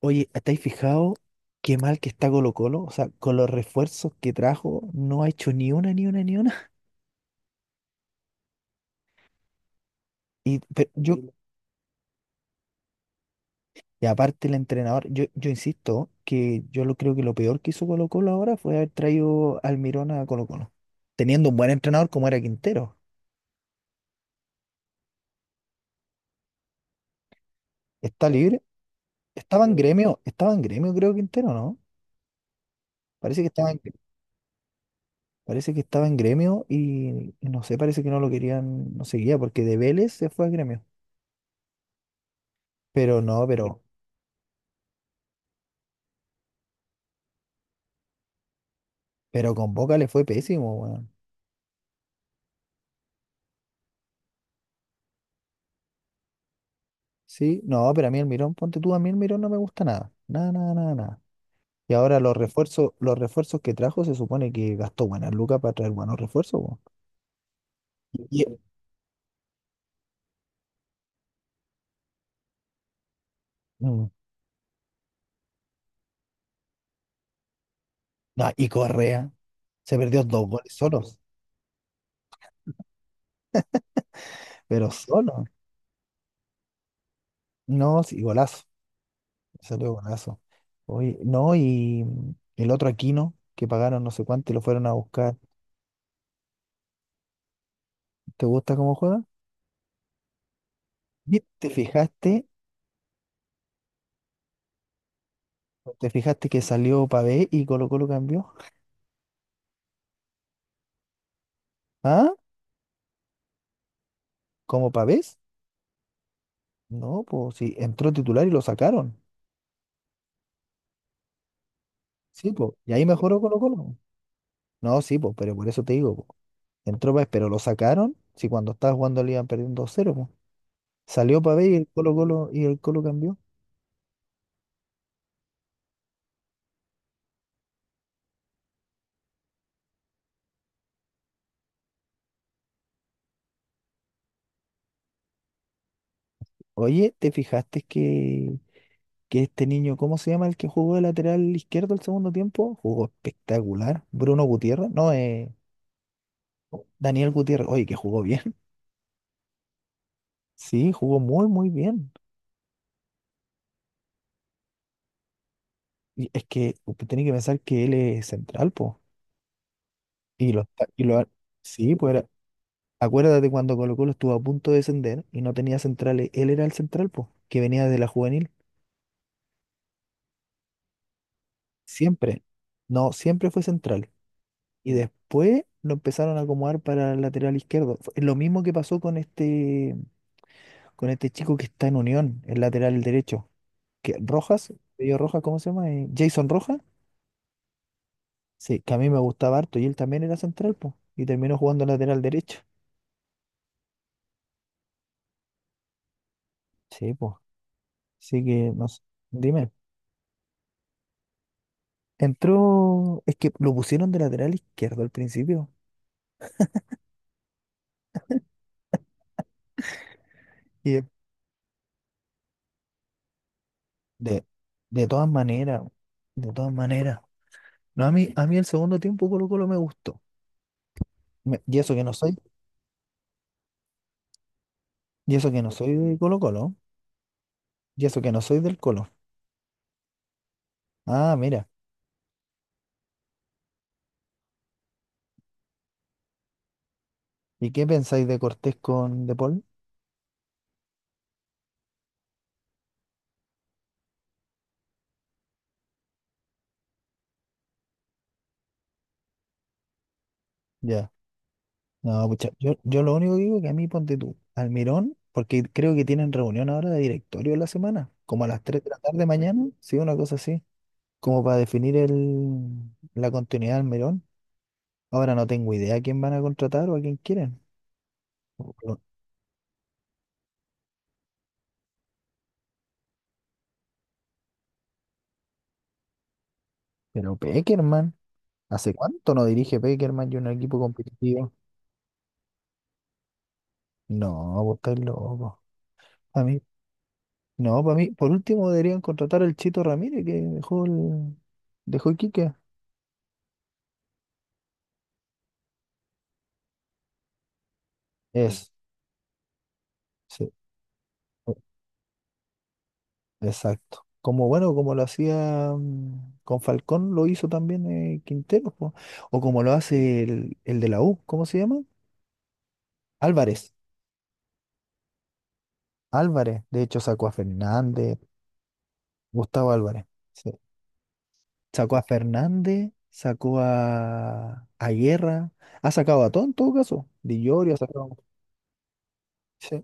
Oye, ¿estáis fijado qué mal que está Colo Colo? O sea, con los refuerzos que trajo, no ha hecho ni una, ni una, ni una. Sí. Y aparte el entrenador, yo insisto que yo lo creo que lo peor que hizo Colo Colo ahora fue haber traído al Mirón a Colo Colo. Teniendo un buen entrenador como era Quintero. Está libre. Estaba en gremio, creo Quintero, ¿no? Parece que estaba en, Parece que estaba en gremio y no sé, parece que no lo querían, no seguía, porque de Vélez se fue a gremio. Pero no, pero con Boca le fue pésimo, weón. Sí, no, pero a mí el Mirón, ponte tú, a mí el Mirón no me gusta nada. Nada, nada, nada, nada. Y ahora los refuerzos que trajo se supone que gastó buenas lucas para traer buenos refuerzos, weón. Y, mm, no, y Correa se perdió dos goles solos, pero solo. No, sí, golazo. Salió golazo. Oye, no, y el otro Aquino, que pagaron no sé cuánto y lo fueron a buscar. ¿Te gusta cómo juega? ¿Y ¿Te fijaste? ¿Te fijaste que salió Pavé y Colo Colo cambió? ¿Ah? ¿Como Pavés? No, pues sí, entró titular y lo sacaron. Sí, pues. Y ahí mejoró Colo-Colo. No, sí, pues, pero por eso te digo, po. Entró Pavés, pero lo sacaron. Si cuando estaba jugando le iban perdiendo dos 0 po. Salió Pavés y el Colo-Colo y el Colo cambió. Oye, ¿te fijaste que este niño, ¿cómo se llama el que jugó de lateral izquierdo el segundo tiempo? Jugó espectacular. Bruno Gutiérrez, no, Daniel Gutiérrez. Oye, que jugó bien. Sí, jugó muy, muy bien. Y es que usted tiene que pensar que él es central, pues. Y lo, está- y lo, sí, pues acuérdate cuando Colo Colo estuvo a punto de descender y no tenía centrales, él era el central, pues, que venía de la juvenil, siempre, no, siempre fue central. Y después lo empezaron a acomodar para el lateral izquierdo. Fue lo mismo que pasó con este chico que está en Unión, el lateral derecho, que Rojas, apellido Rojas, ¿cómo se llama? Jason Rojas, sí, que a mí me gustaba harto y él también era central, pues, y terminó jugando lateral derecho. Sí, pues, así que, no sé, dime. Entró, es que lo pusieron de lateral izquierdo al principio. Y de, de de todas maneras, de todas maneras. No, a mí el segundo tiempo Colo Colo me gustó. Me- y eso que no soy, y eso que no soy de Colo Colo, y eso que no soy del Colo. Ah, mira. ¿Y qué pensáis de Cortés con De Paul? Ya. No, pucha, yo lo único que digo que a mí ponte tú, Almirón, porque creo que tienen reunión ahora de directorio la semana, como a las 3 de la tarde mañana, sí, una cosa así, como para definir el, la continuidad de Almirón. Ahora no tengo idea a quién van a contratar o a quién quieren. Pero, pero Pekerman, ¿hace cuánto no dirige Pekerman y un equipo competitivo? No, vos estás loco. A mí, no, para mí, por último deberían contratar al Chito Ramírez que dejó Iquique. Es, sí, o- exacto. Como bueno, como lo hacía con Falcón, lo hizo también Quintero, po. O como lo hace el de la U, ¿cómo se llama? Álvarez. Álvarez, de hecho sacó a Fernández, Gustavo Álvarez. Sí. Sacó a Fernández, sacó a Guerra, ha sacado a todo en todo caso. Di Llorio ha sacado. Sí,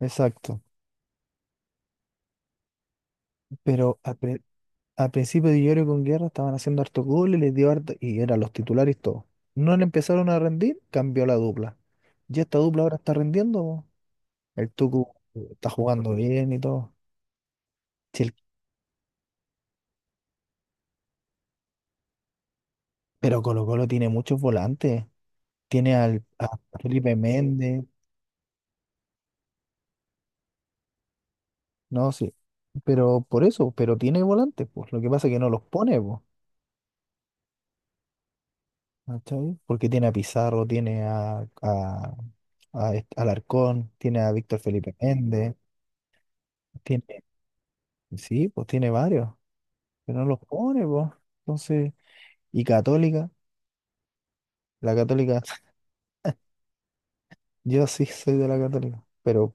exacto. Pero al principio Di Llorio con Guerra estaban haciendo harto goles, les dio harto, y eran los titulares todos. No le empezaron a rendir, cambió la dupla. Y esta dupla ahora está rendiendo. Po. El Tucu está jugando bien y todo. Sí, el- pero Colo Colo tiene muchos volantes. Tiene al, a Felipe Méndez, no, sí. Pero por eso, pero tiene volantes, pues. Lo que pasa es que no los pone, pues. ¿Cachai? Porque tiene a Pizarro, tiene a, Alarcón, tiene a Víctor Felipe Méndez, tiene, sí, pues tiene varios, pero no los pone, pues. Entonces, y Católica, la Católica, yo sí soy de la Católica, pero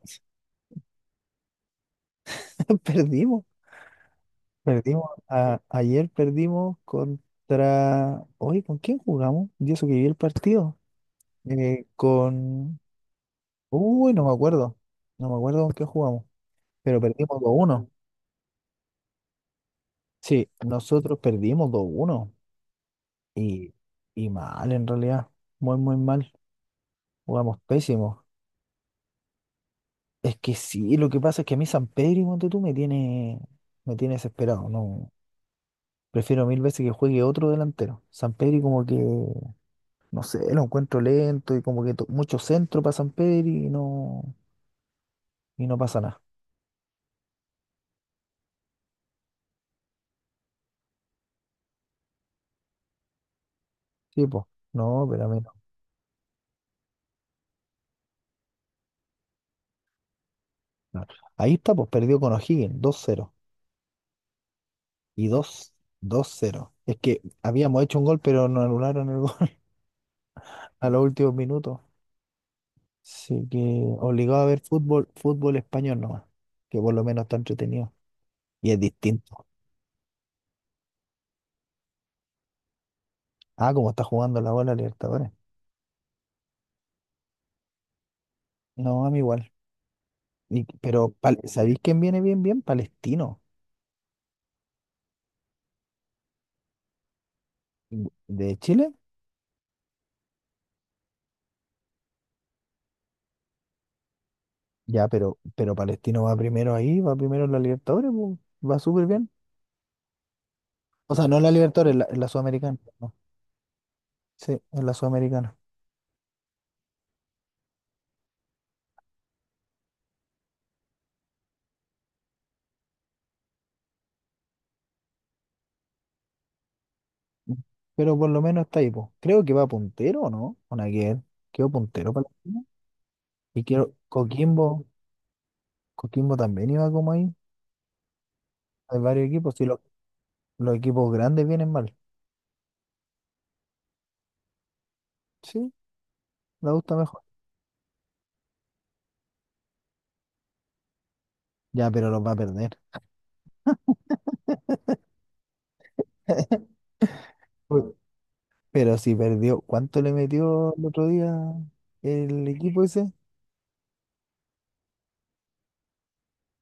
perdimos, ayer perdimos contra, oye, ¿con quién jugamos? Yo eso que vi el partido, eh, con, uy, no me acuerdo con qué jugamos, pero perdimos 2-1. Sí, nosotros perdimos 2-1. Y, y mal, en realidad. Muy, muy mal. Jugamos pésimo. Es que sí, lo que pasa es que a mí San Pedro, ponte tú, me tiene desesperado. No, prefiero mil veces que juegue otro delantero. San Pedro como que, no sé, lo encuentro lento y como que mucho centro para San Pedro y no pasa nada. Sí, pues. No, pero a mí no. No. Ahí está, pues perdió con O'Higgins, 2-0. Y 2-0. Es que habíamos hecho un gol, pero nos anularon el gol a los últimos minutos. Así que obligado a ver fútbol, fútbol español nomás, que por lo menos está entretenido y es distinto. Ah, como está jugando la bola Libertadores. No, a mí igual. ¿Sabéis quién viene bien, bien? Palestino. ¿De Chile? Ya, pero Palestino va primero ahí, va primero en la Libertadores, pues, va súper bien. O sea, no en la Libertadores, en la Sudamericana. No. Sí, en la Sudamericana. Pero por lo menos está ahí, pues. Creo que va puntero, ¿o ¿no? Con aquel. Quedó puntero Palestino. Y quiero, Coquimbo, Coquimbo también iba como ahí. Hay varios equipos, si los, los equipos grandes vienen mal. Sí, me gusta mejor. Ya, pero los va a perder. Uy, pero si perdió, ¿cuánto le metió el otro día el equipo ese?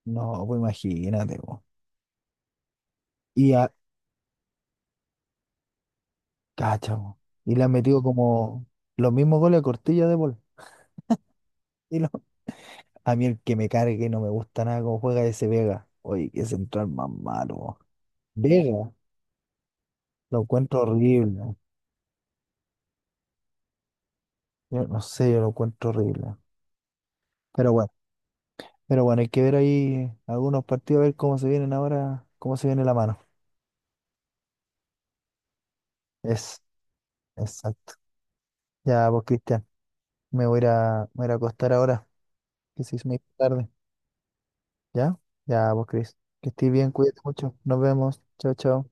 No, pues imagínate, po. Y a, cacha, po. Y le han metido como los mismos goles a Cortilla de Paul. Y lo- a mí el que me cargue no me gusta nada cómo juega ese Vega. Oye, qué central más malo. Po. Vega, lo encuentro horrible. Yo no sé, yo lo encuentro horrible. Pero bueno. Pero bueno, hay que ver ahí algunos partidos, a ver cómo se vienen ahora, cómo se viene la mano. Es, exacto. Ya vos, Cristian, me voy a ir a acostar ahora, que se hizo muy tarde. ¿Ya? Ya vos, Cris. Que estés bien, cuídate mucho. Nos vemos. Chao, chao.